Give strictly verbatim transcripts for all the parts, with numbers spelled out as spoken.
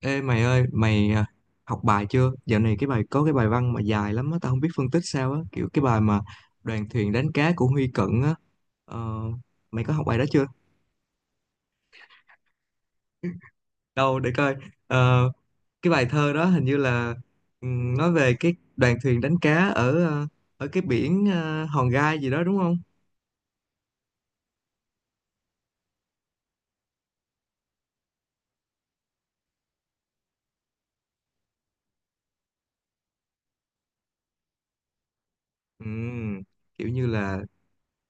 Ê mày ơi, mày à, học bài chưa? Dạo này cái bài có cái bài văn mà dài lắm á, tao không biết phân tích sao á, kiểu cái bài mà đoàn thuyền đánh cá của Huy Cận á. Ờ, mày có học bài đó chưa? Đâu để coi. Ờ, cái bài thơ đó hình như là ừm, nói về cái đoàn thuyền đánh cá ở ờ, ở cái biển ờ, Hòn Gai gì đó đúng không? Ừm, kiểu như là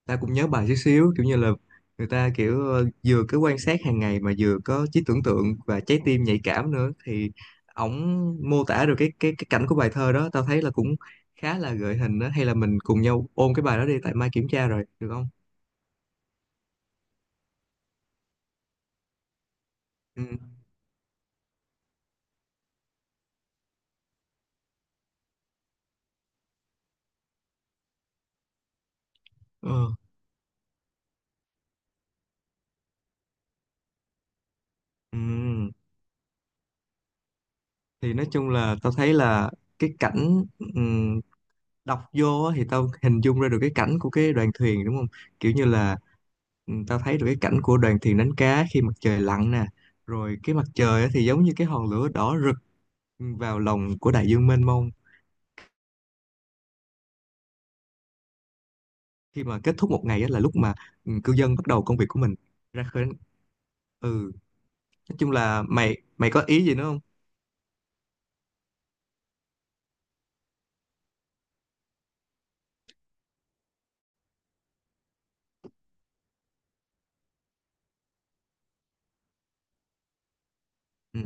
ta cũng nhớ bài chút xíu, kiểu như là người ta kiểu ờ, vừa cứ quan sát hàng ngày mà vừa có trí tưởng tượng và trái tim nhạy cảm nữa, thì ổng mô tả được cái cái cái cảnh của bài thơ đó. Tao thấy là cũng khá là gợi hình đó, hay là mình cùng nhau ôn cái bài đó đi, tại mai kiểm tra rồi, được không? Ừ. Ờ. Ừ. Thì nói chung là tao thấy là cái cảnh, ừ, đọc vô á thì tao hình dung ra được cái cảnh của cái đoàn thuyền, đúng không? Kiểu như là ừ, tao thấy được cái cảnh của đoàn thuyền đánh cá khi mặt trời lặn nè, rồi cái mặt trời á thì giống như cái hòn lửa đỏ rực vào lòng của đại dương mênh mông. Khi mà kết thúc một ngày á là lúc mà ừ, cư dân bắt đầu công việc của mình, ra khơi đánh. ừ nói chung là mày mày có ý gì nữa không? Ừ.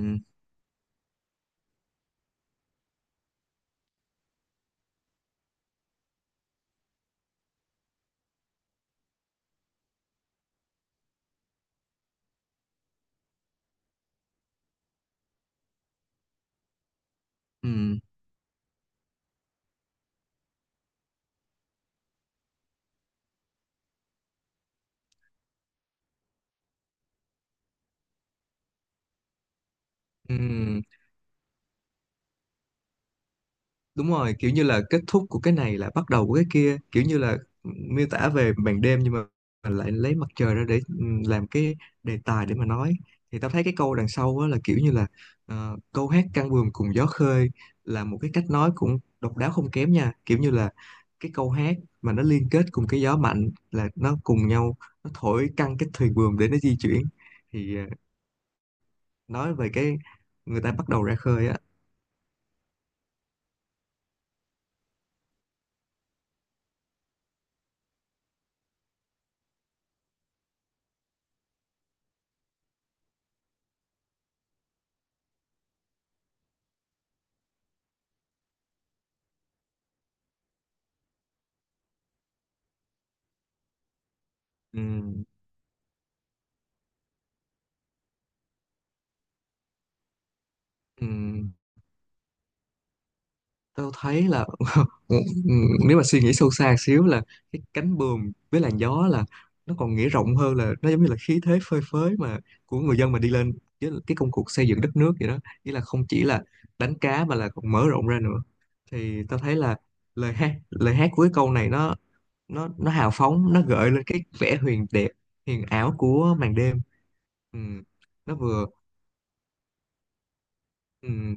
Ừ. Ừ. Đúng rồi, kiểu như là kết thúc của cái này là bắt đầu của cái kia, kiểu như là miêu tả về màn đêm nhưng mà lại lấy mặt trời ra để ừ, làm cái đề tài để mà nói. Thì tao thấy cái câu đằng sau á là kiểu như là ờ, câu hát căng buồm cùng gió khơi là một cái cách nói cũng độc đáo không kém nha, kiểu như là cái câu hát mà nó liên kết cùng cái gió mạnh là nó cùng nhau, nó thổi căng cái thuyền buồm để nó di chuyển, thì ờ, nói về cái người ta bắt đầu ra khơi á. Ừm, ừm, Tao thấy là Ừ, ừ, nếu mà suy nghĩ sâu xa xíu là cái cánh buồm với làn gió là nó còn nghĩa rộng hơn, là nó giống như là khí thế phơi phới mà của người dân mà đi lên với cái công cuộc xây dựng đất nước vậy đó, nghĩa là không chỉ là đánh cá mà là còn mở rộng ra nữa. Thì tao thấy là lời hát lời hát của cái câu này nó nó nó hào phóng, nó gợi lên cái vẻ huyền đẹp, huyền ảo của màn đêm, ừ, nó vừa. Ừ.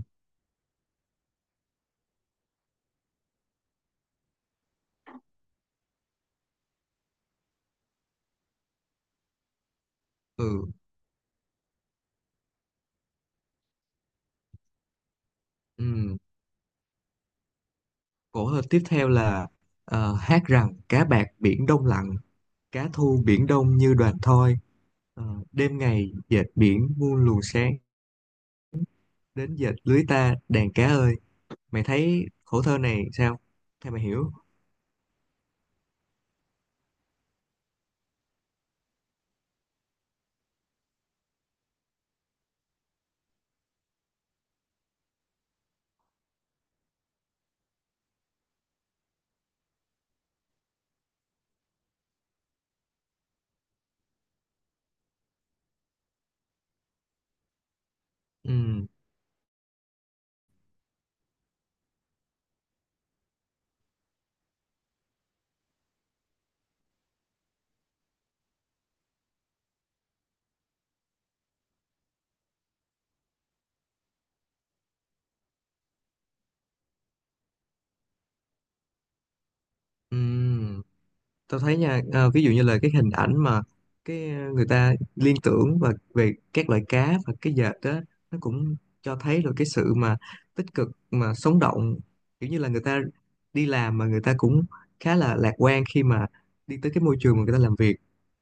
Ừ. Ừ. Cổ hơn tiếp theo là ờ, hát rằng cá bạc Biển Đông lặng, cá thu Biển Đông như đoàn thoi, ờ, đêm ngày dệt biển muôn luồng sáng, đến dệt lưới ta đàn cá ơi. Mày thấy khổ thơ này sao? Theo mày hiểu? Ừ. Ừ. Tao thấy nha, ờ, ví dụ như là cái hình ảnh mà cái ờ, người ta liên tưởng và về các loại cá và cái dệt đó, nó cũng cho thấy được cái sự mà tích cực mà sống động, kiểu như là người ta đi làm mà người ta cũng khá là lạc quan khi mà đi tới cái môi trường mà người ta làm việc.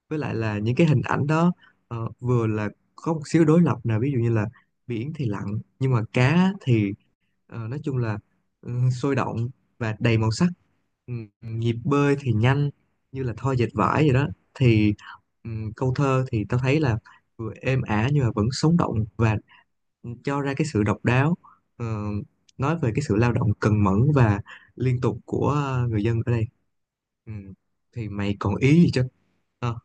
Với lại là những cái hình ảnh đó ờ, vừa là có một xíu đối lập nào, ví dụ như là biển thì lặng nhưng mà cá thì ờ, nói chung là ừ, sôi động và đầy màu sắc. Ừ, Nhịp bơi thì nhanh như là thoi dệt vải vậy đó, thì ừ, câu thơ thì tao thấy là vừa êm ả nhưng mà vẫn sống động và cho ra cái sự độc đáo, ờ, nói về cái sự lao động cần mẫn và liên tục của ờ, người dân ở đây. Ừ. Thì mày còn ý gì chứ? Ờ.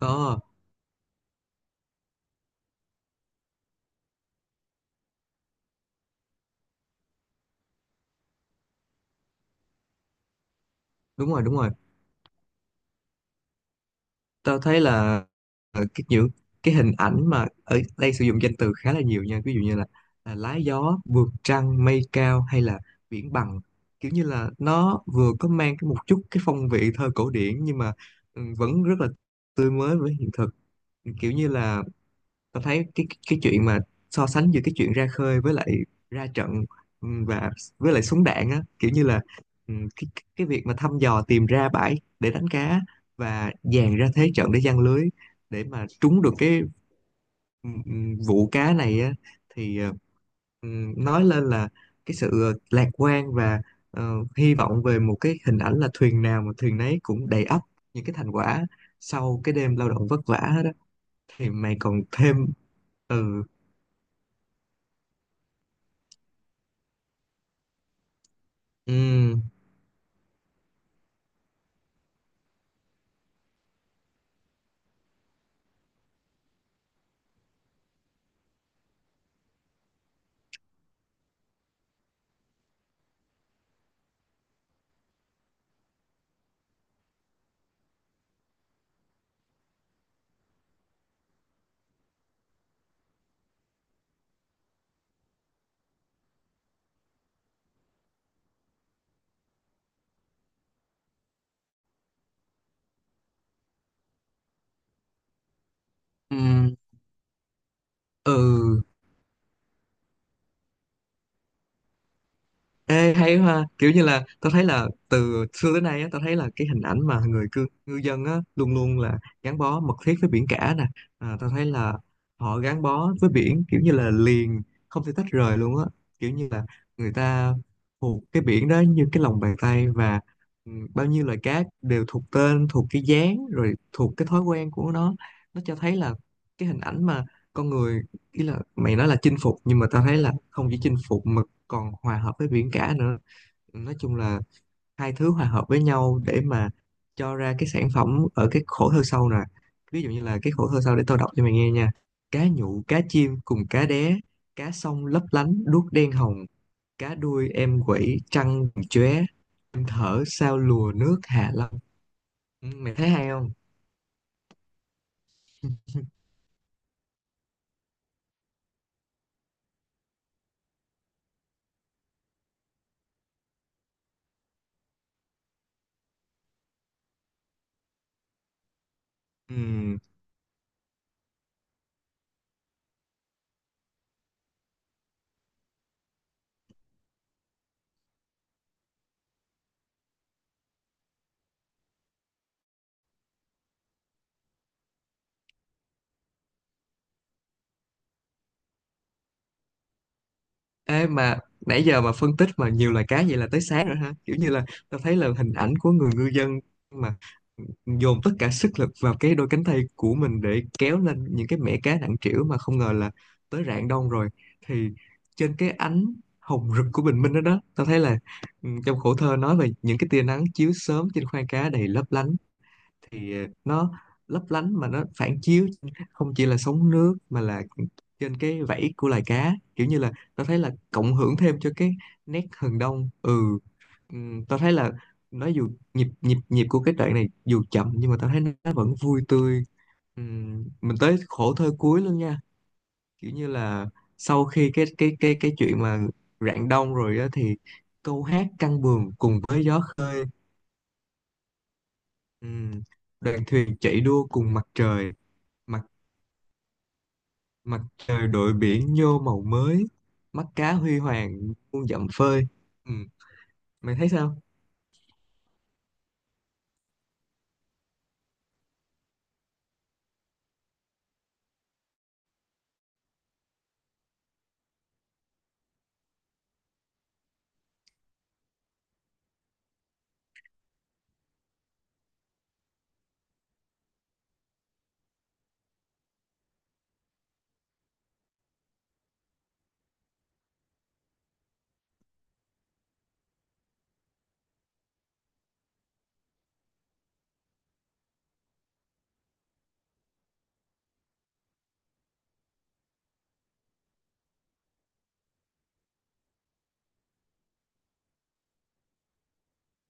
Có. Đúng rồi. Đúng rồi. Tao thấy là ờ, cái những cái hình ảnh mà ở đây sử dụng danh từ khá là nhiều nha, ví dụ như là, là lá gió vượt trăng mây cao hay là biển bằng, kiểu như là nó vừa có mang cái một chút cái phong vị thơ cổ điển nhưng mà ừ, vẫn rất là tươi mới với hiện thực. Kiểu như là tao thấy cái cái chuyện mà so sánh giữa cái chuyện ra khơi với lại ra trận, ừm, và với lại súng đạn á, kiểu như là ừm, cái cái cái việc mà thăm dò tìm ra bãi để đánh cá và dàn ra thế trận để giăng lưới, để mà trúng được cái ừm, vụ cá này á. Thì ờ, ừm, nói lên là cái sự ờ, lạc quan và ờ, hy vọng về một cái hình ảnh là thuyền nào mà thuyền nấy cũng đầy ắp những cái thành quả sau cái đêm lao động vất vả đó. Thì mày còn thêm. Ừ. Ừ. Ừ. Ừ. Ê, hay ha, kiểu như là tao thấy là từ xưa tới nay á, tao thấy là cái hình ảnh mà người cư, ngư dân á luôn luôn là gắn bó mật thiết với biển cả nè. À, tao thấy là họ gắn bó với biển, kiểu như là liền, không thể tách rời luôn á, kiểu như là người ta thuộc cái biển đó như cái lòng bàn tay, và ừ, bao nhiêu loài cá đều thuộc tên, thuộc cái dáng, rồi thuộc cái thói quen của nó. Nó cho thấy là cái hình ảnh mà con người, ý là mày nói là chinh phục nhưng mà tao thấy là không chỉ chinh phục mà còn hòa hợp với biển cả nữa, nói chung là hai thứ hòa hợp với nhau để mà cho ra cái sản phẩm ở cái khổ thơ sau nè. Ví dụ như là cái khổ thơ sau, để tao đọc cho mày nghe nha: cá nhụ cá chim cùng cá đé, cá sông lấp lánh đuốc đen hồng, cá đuôi em quẩy trăng chóe, em thở sao lùa nước Hạ Long. Ừ, mày thấy hay không? Ừ. Ê mà nãy giờ mà phân tích mà nhiều loài cá vậy là tới sáng rồi hả? Kiểu như là tao thấy là hình ảnh của người ngư dân mà dồn tất cả sức lực vào cái đôi cánh tay của mình để kéo lên những cái mẻ cá nặng trĩu mà không ngờ là tới rạng đông rồi. Thì trên cái ánh hồng rực của bình minh đó đó, tao thấy là ừ, trong khổ thơ nói về những cái tia nắng chiếu sớm trên khoang cá đầy lấp lánh, thì nó lấp lánh mà nó phản chiếu không chỉ là sóng nước mà là trên cái vảy của loài cá, kiểu như là tao thấy là cộng hưởng thêm cho cái nét hừng đông. ừ Ừm, tao thấy là nó dù nhịp nhịp nhịp của cái đoạn này dù chậm nhưng mà tao thấy nó vẫn vui tươi. Ừm, mình tới khổ thơ cuối luôn nha, kiểu như là sau khi cái cái cái cái chuyện mà rạng đông rồi á, thì câu hát căng buồm cùng với gió. Ừm, Đoàn thuyền chạy đua cùng mặt trời, mặt Mặt trời đội biển vô màu mới, mắt cá huy hoàng muôn dặm phơi. Ừ, Mày thấy sao?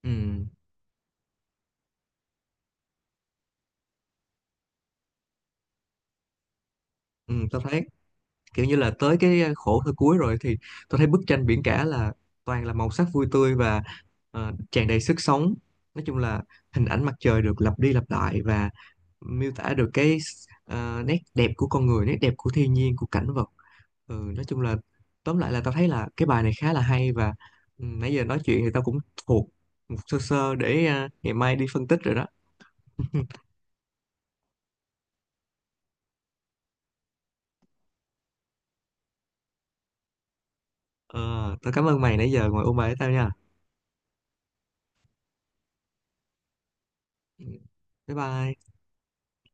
Ừ, ừ, tao thấy kiểu như là tới cái ờ, khổ thơ cuối rồi thì tao thấy bức tranh biển cả là toàn là màu sắc vui tươi và ờ, tràn đầy sức sống. Nói chung là hình ảnh mặt trời được lặp đi lặp lại và miêu tả được cái ờ, nét đẹp của con người, nét đẹp của thiên nhiên, của cảnh vật. Ừ nói chung là tóm lại là tao thấy là cái bài này khá là hay, và ừ, nãy giờ nói chuyện thì tao cũng thuộc một sơ sơ để à, ngày mai đi phân tích rồi đó. ờ, Tao cảm ơn mày nãy giờ ngồi ôn bài với tao nha. Ừ, bye bye.